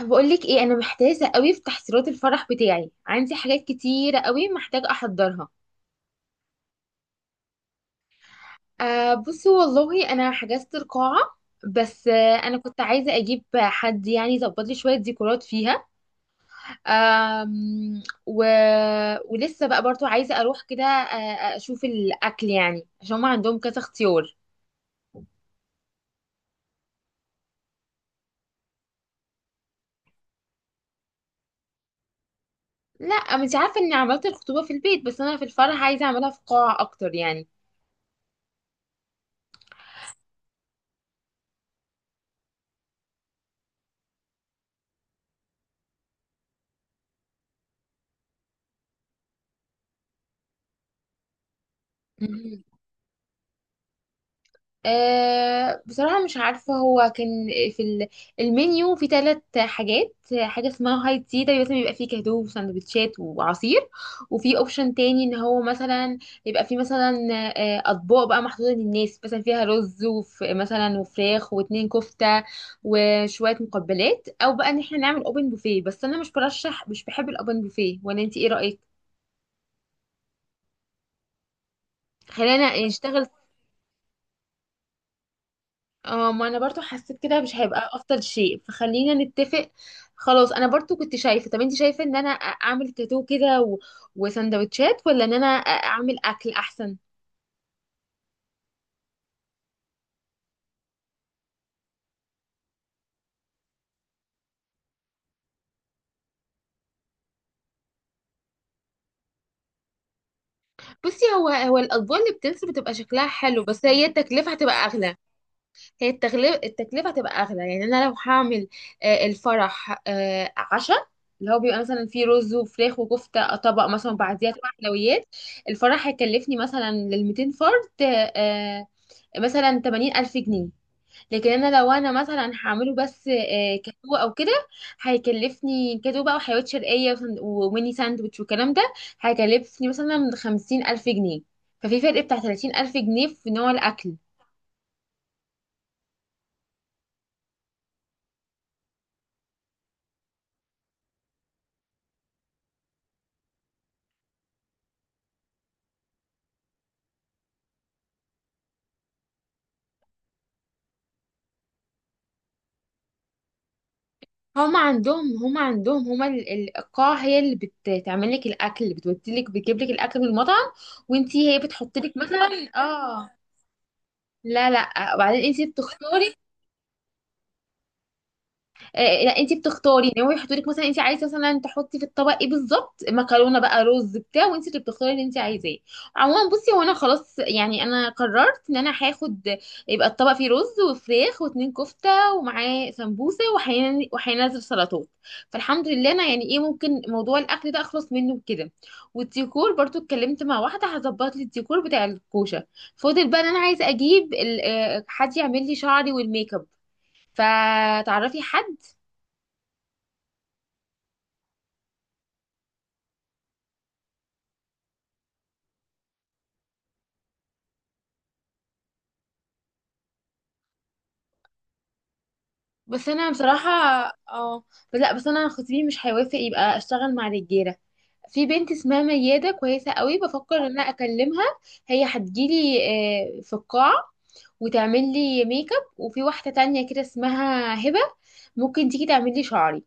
بقولك ايه، انا محتاسه قوي في تحضيرات الفرح بتاعي. عندي حاجات كتيره قوي محتاجه احضرها. آه، بصي والله انا حجزت القاعه. بس انا كنت عايزه اجيب حد يعني يظبط لي شويه ديكورات فيها. آم، و... ولسه بقى برضو عايزه اروح كده، اشوف الاكل يعني عشان هم عندهم كذا اختيار. لا انت عارفه اني عملت الخطوبه في البيت، بس انا في الفرح عايزه اعملها في قاعه اكتر. يعني أه بصراحة مش عارفة. هو كان في ال- المنيو في ثلاث حاجات. حاجة اسمها هاي تي ده مثلا بيبقى فيه كاندو وسندوتشات وعصير. وفي اوبشن تاني ان هو مثلا يبقى فيه مثلا اطباق بقى محطوطة للناس مثلا فيها رز وف مثلا وفراخ واتنين كفتة وشوية مقبلات، او بقى ان احنا نعمل اوبن بوفيه. بس انا مش بحب الاوبن بوفيه، ولا انت ايه رأيك؟ خلينا يعني نشتغل. اه، ما انا برضو حسيت كده مش هيبقى افضل شيء، فخلينا نتفق. خلاص انا برضو كنت شايفه، طب انت شايفه ان انا اعمل تاتو كده وسندوتشات، ولا ان انا اعمل اكل احسن؟ بصي، هو هو الاطباق اللي بتنزل بتبقى شكلها حلو، بس هي التكلفه هتبقى اغلى. هي التكلفة هتبقى أغلى. يعني أنا لو هعمل الفرح عشاء، اللي هو بيبقى مثلا فيه رز وفراخ وكفتة، طبق مثلا، وبعديها طبق حلويات، الفرح هيكلفني مثلا للميتين فرد، آه، مثلا 80 ألف جنيه. لكن أنا لو أنا مثلا هعمله بس كاتو أو كده، هيكلفني كاتو بقى وحلويات شرقية وميني ساندوتش والكلام ده، هيكلفني مثلا 50 ألف جنيه. ففي فرق بتاع 30 ألف جنيه في نوع الأكل. هما عندهم هما عندهم هما ال- ال- القاعة هي اللي بتعمل لك الأكل، بتودي لك بتجيب لك الأكل من المطعم، وانتي هي بتحط لك مثلا. اه، لا لا، وبعدين انتي بتختاري. لا، انت بتختاري ان هو يحطوا لك مثلا، انت عايزه مثلا تحطي في الطبق ايه بالظبط، مكرونه بقى رز بتاع، وانت اللي بتختاري اللي انت عايزاه. عموما بصي، هو انا خلاص يعني انا قررت ان انا هاخد، يبقى الطبق فيه رز وفراخ واتنين كفته، ومعاه سمبوسه، وهينزل سلطات. فالحمد لله انا يعني ايه، ممكن موضوع الاكل ده اخلص منه كده. والديكور برضو اتكلمت مع واحده هظبط لي الديكور بتاع الكوشه. فاضل بقى ان انا عايزه اجيب حد يعمل لي شعري والميك اب، فتعرفي حد؟ بس انا بصراحه، اه، بس لا، بس انا خطيبي مش هيوافق يبقى اشتغل مع رجاله. في بنت اسمها ميادة كويسة قوي، بفكر ان انا اكلمها. هي هتجيلي في القاعة، وتعمل لي ميك اب، وفي واحدة تانية كده اسمها هبة ممكن تيجي تعمل لي شعري.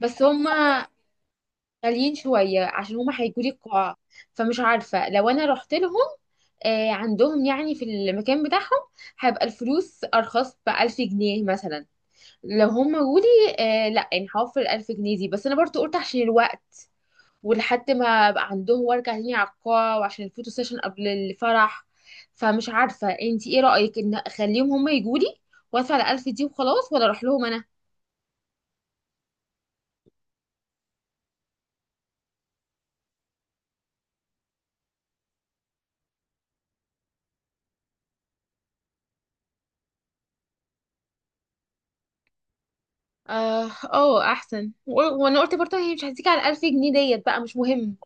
بس هما غاليين شوية عشان هما هيجولي القاعة. فمش عارفة لو انا رحت لهم عندهم يعني في المكان بتاعهم، هيبقى الفلوس ارخص بـ1000 جنيه مثلا. لو هم قولي، لا يعني هوفر 1000 جنيه دي، بس انا برضو قلت عشان الوقت، ولحد ما ابقى عندهم وارجع تاني على القاعة، وعشان الفوتو سيشن قبل الفرح. فمش عارفة انتي ايه رأيك، ان اخليهم هم يجولي وادفع ال1000 دي وخلاص، ولا اروح لهم انا؟ اه اه، احسن. وانا قلت برضه هي مش هتيجي على 1000 جنيه، ديت بقى مش مهم.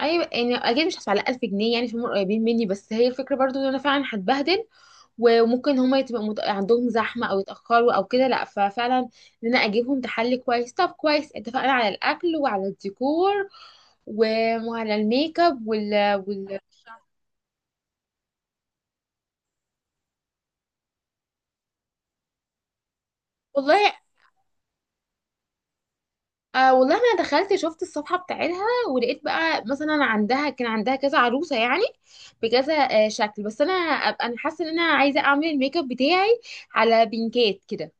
ايوه يعني اكيد مش هدفع على 1000 جنيه، يعني عشان هم قريبين مني. بس هي الفكرة برضو ان انا فعلا هتبهدل، وممكن هما يبقى عندهم زحمة أو يتأخروا أو كده. لأ ففعلا إن أنا أجيبهم تحلي كويس. طب كويس، اتفقنا على الأكل وعلى الديكور وعلى الميك اب وال... والله. والله أنا دخلت شفت الصفحة بتاعتها، ولقيت بقى مثلا عندها كان عندها كذا عروسة يعني، بكذا شكل. بس أنا أبقى أنا حاسة إن أنا عايزة أعمل الميك اب بتاعي على بينكات كده،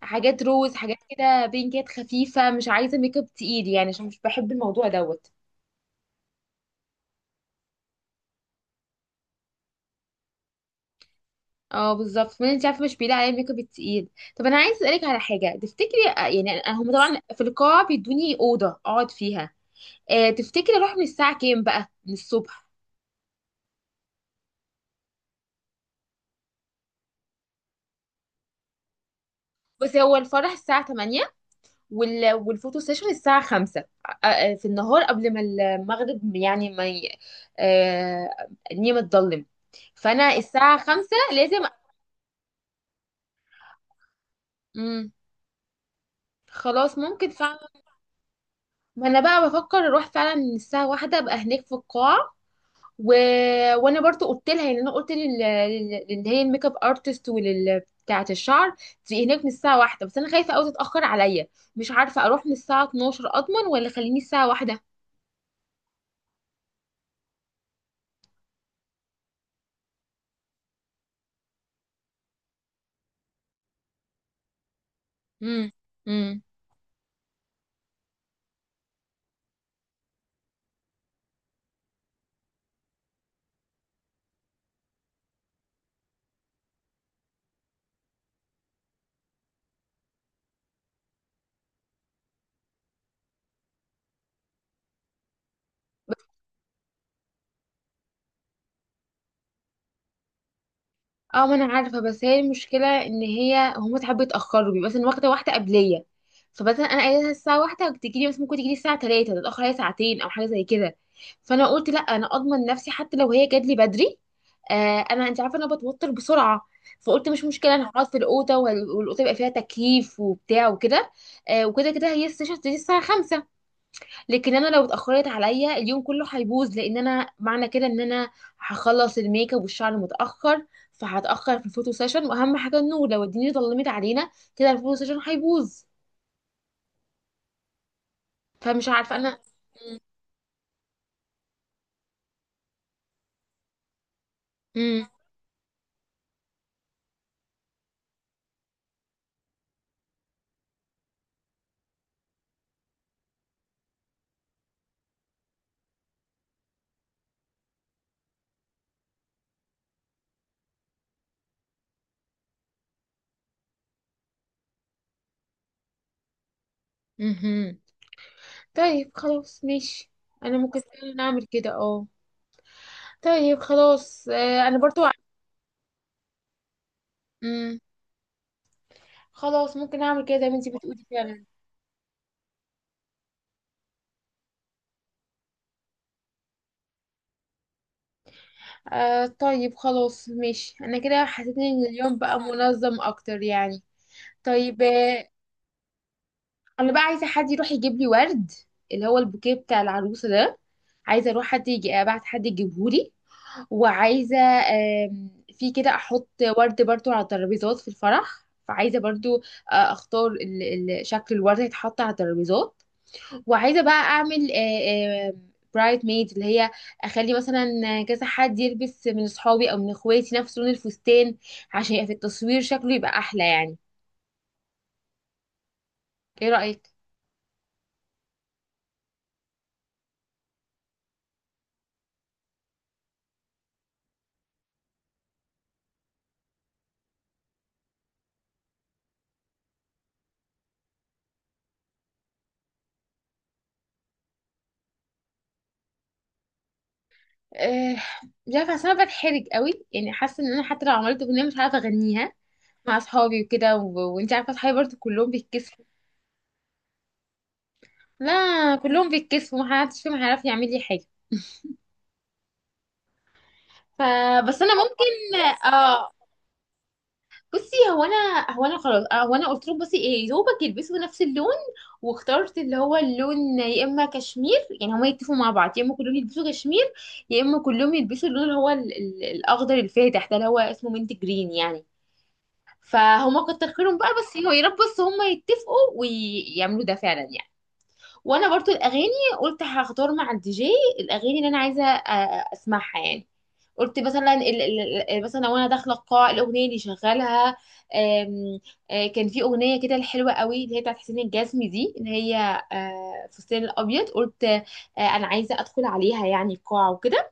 حاجات روز، حاجات كده بينكات خفيفة، مش عايزة ميك اب تقيل يعني عشان مش بحب الموضوع دوت. اه بالظبط، ما انت عارفه مش بيلاقي عليه ميك اب التقيل. طب انا عايز اسالك على حاجه، تفتكري يعني هم طبعا في القاعه بيدوني اوضه اقعد فيها. تفتكري اروح من الساعه كام بقى من الصبح؟ بس هو الفرح الساعه 8، والفوتو سيشن الساعه 5، في النهار قبل ما المغرب يعني ما ي... آه الدنيا ما تضلم. فانا الساعه 5 لازم. مم. خلاص ممكن فعلا. ما انا بقى بفكر اروح فعلا الساعه واحدة ابقى هناك في القاعه. و... وانا برضو قلت لها، يعني انا قلت اللي هي الميك اب ارتست، ولل بتاعه الشعر، تبقي هناك من الساعه واحدة. بس انا خايفه قوي تتاخر عليا. مش عارفه اروح من الساعه 12 اضمن، ولا خليني الساعه واحدة؟ امم. اه، ما انا عارفه، بس هي المشكله ان هي هم ساعات بيتاخروا، بيبقى مثلا واخده واحده قبليه، فمثلا انا قايله لها الساعه واحدة وتجيلي، بس ممكن تجيلي الساعه 3، تتاخر هي 2 ساعة او حاجه زي كده. فانا قلت لا، انا اضمن نفسي حتى لو هي جات لي بدري. آه، انا انت عارفه انا بتوتر بسرعه. فقلت مش مشكله، انا هقعد في الاوضه والاوضه يبقى فيها تكييف وبتاع وكده. آه، وكده كده هي السيشن هتبتدي الساعه 5، لكن انا لو اتاخرت، عليا اليوم كله هيبوظ، لان انا معنى كده ان انا هخلص الميك اب والشعر متاخر، فهتاخر في الفوتو سيشن، واهم حاجه النور. لو الدنيا ظلمت علينا كده الفوتو سيشن هيبوظ. فمش عارفه انا. امم. امم. طيب خلاص ماشي، انا ممكن فعلا اعمل كده. اه، طيب خلاص انا برضو. امم. خلاص ممكن اعمل كده زي ما انتي بتقولي فعلا. آه، طيب خلاص ماشي، انا كده حسيت ان اليوم بقى منظم اكتر يعني. طيب انا بقى عايزه حد يروح يجيب لي ورد، اللي هو البوكيه بتاع العروسه ده. عايزه اروح، حد يجي، ابعت حد يجيبه لي. وعايزه في كده احط ورد برضو على الترابيزات في الفرح. فعايزه برضو اختار شكل الورد هيتحط على الترابيزات. وعايزه بقى اعمل برايت ميد، اللي هي اخلي مثلا كذا حد يلبس من اصحابي او من اخواتي نفس لون الفستان، عشان يبقى في التصوير شكله يبقى احلى يعني. ايه رايك؟ آه، مش عارفه، اصل انا بتحرج قوي يعني، حاسه ان انا حتى لو عملت اغنيه مش عارفه اغنيها مع اصحابي وكده. وانت عارفه اصحابي برضه كلهم بيتكسفوا. لا، كلهم بيتكسفوا، محدش فيهم هيعرف يعمل لي حاجه. فبس انا ممكن. اه. بصي هو انا، خلاص هو انا قلت له بصي ايه دوبك يلبسوا نفس اللون. واخترت اللي هو اللون، يا اما كشمير يعني هما يتفقوا مع بعض، يا اما كلهم يلبسوا كشمير، يا اما كلهم يلبسوا اللون اللي هو الاخضر الفاتح ده اللي هو اسمه منت جرين يعني. فهما كتر خيرهم بقى، بس هو يا رب بس هما يتفقوا ويعملوا ده فعلا يعني. وانا برضو الاغاني قلت هختار مع الدي جي الاغاني اللي انا عايزه اسمعها يعني. قلت مثلا مثلا وانا داخله القاعه الاغنيه اللي شغالها، آم، آه، كان في اغنيه كده الحلوه قوي اللي هي بتاعت حسين الجسمي دي، اللي هي فستان الابيض. قلت انا عايزه ادخل عليها يعني القاعه وكده.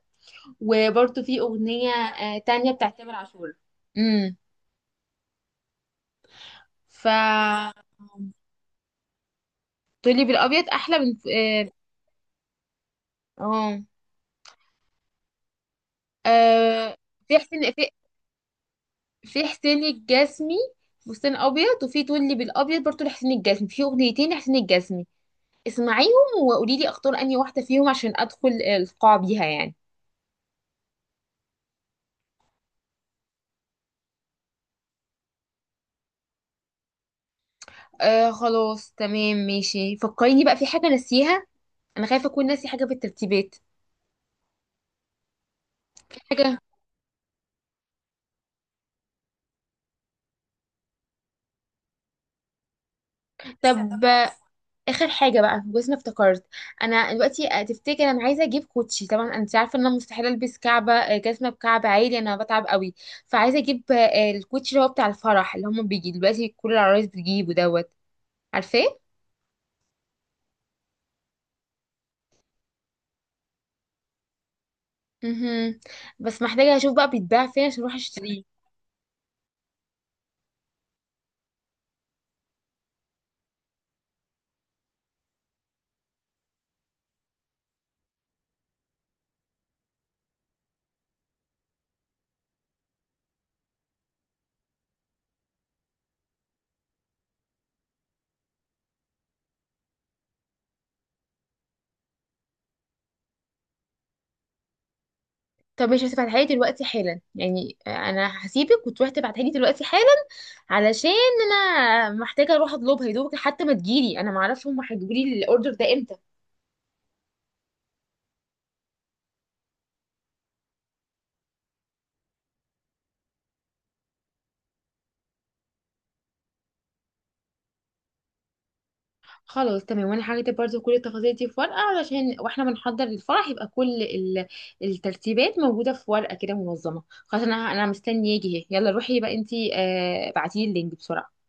وبرضو في اغنيه تانية بتاعت تامر عاشور. امم، ف، تقولي بالابيض احلى من اه. اه، آه، في حسين، في حسين الجسمي فستان ابيض، وفي تقولي بالابيض برضو لحسين الجسمي. في 2 اغنية لحسين الجسمي، اسمعيهم وقولي لي اختار انهي واحده فيهم عشان ادخل القاعه بيها يعني. آه، خلاص تمام ماشي. فكريني بقى في حاجه ناسيها، انا خايفه اكون ناسي حاجه في الترتيبات. حاجه. طب اخر حاجه بقى، بس انا افتكرت انا دلوقتي تفتكر انا عايزه اجيب كوتشي. طبعا انت عارفه ان انا مستحيل البس كعبه، جزمه بكعب عالي انا بتعب قوي. فعايزه اجيب الكوتشي اللي هو بتاع الفرح اللي هم بيجي دلوقتي كل العرايس بتجيبه دوت. عارفاه؟ مهم. بس محتاجه اشوف بقى بيتباع فين عشان اروح اشتريه. طب مش هتبعتها لي دلوقتي حالا يعني، انا هسيبك وتروحي تبعتها لي دلوقتي حالا، علشان انا محتاجه اروح اطلبها يا دوبك، حتى ما تجيلي انا معرفش هم هيجيبوا لي الاوردر ده امتى. خلاص تمام، وانا هكتب برضو كل التفاصيل دي في ورقه، علشان واحنا بنحضر للفرح يبقى الترتيبات موجوده في ورقه كده منظمه. خلاص انا مستنيه يجي اهي. يلا روحي بقى انتي، آه بعتيلي اللينك بسرعه.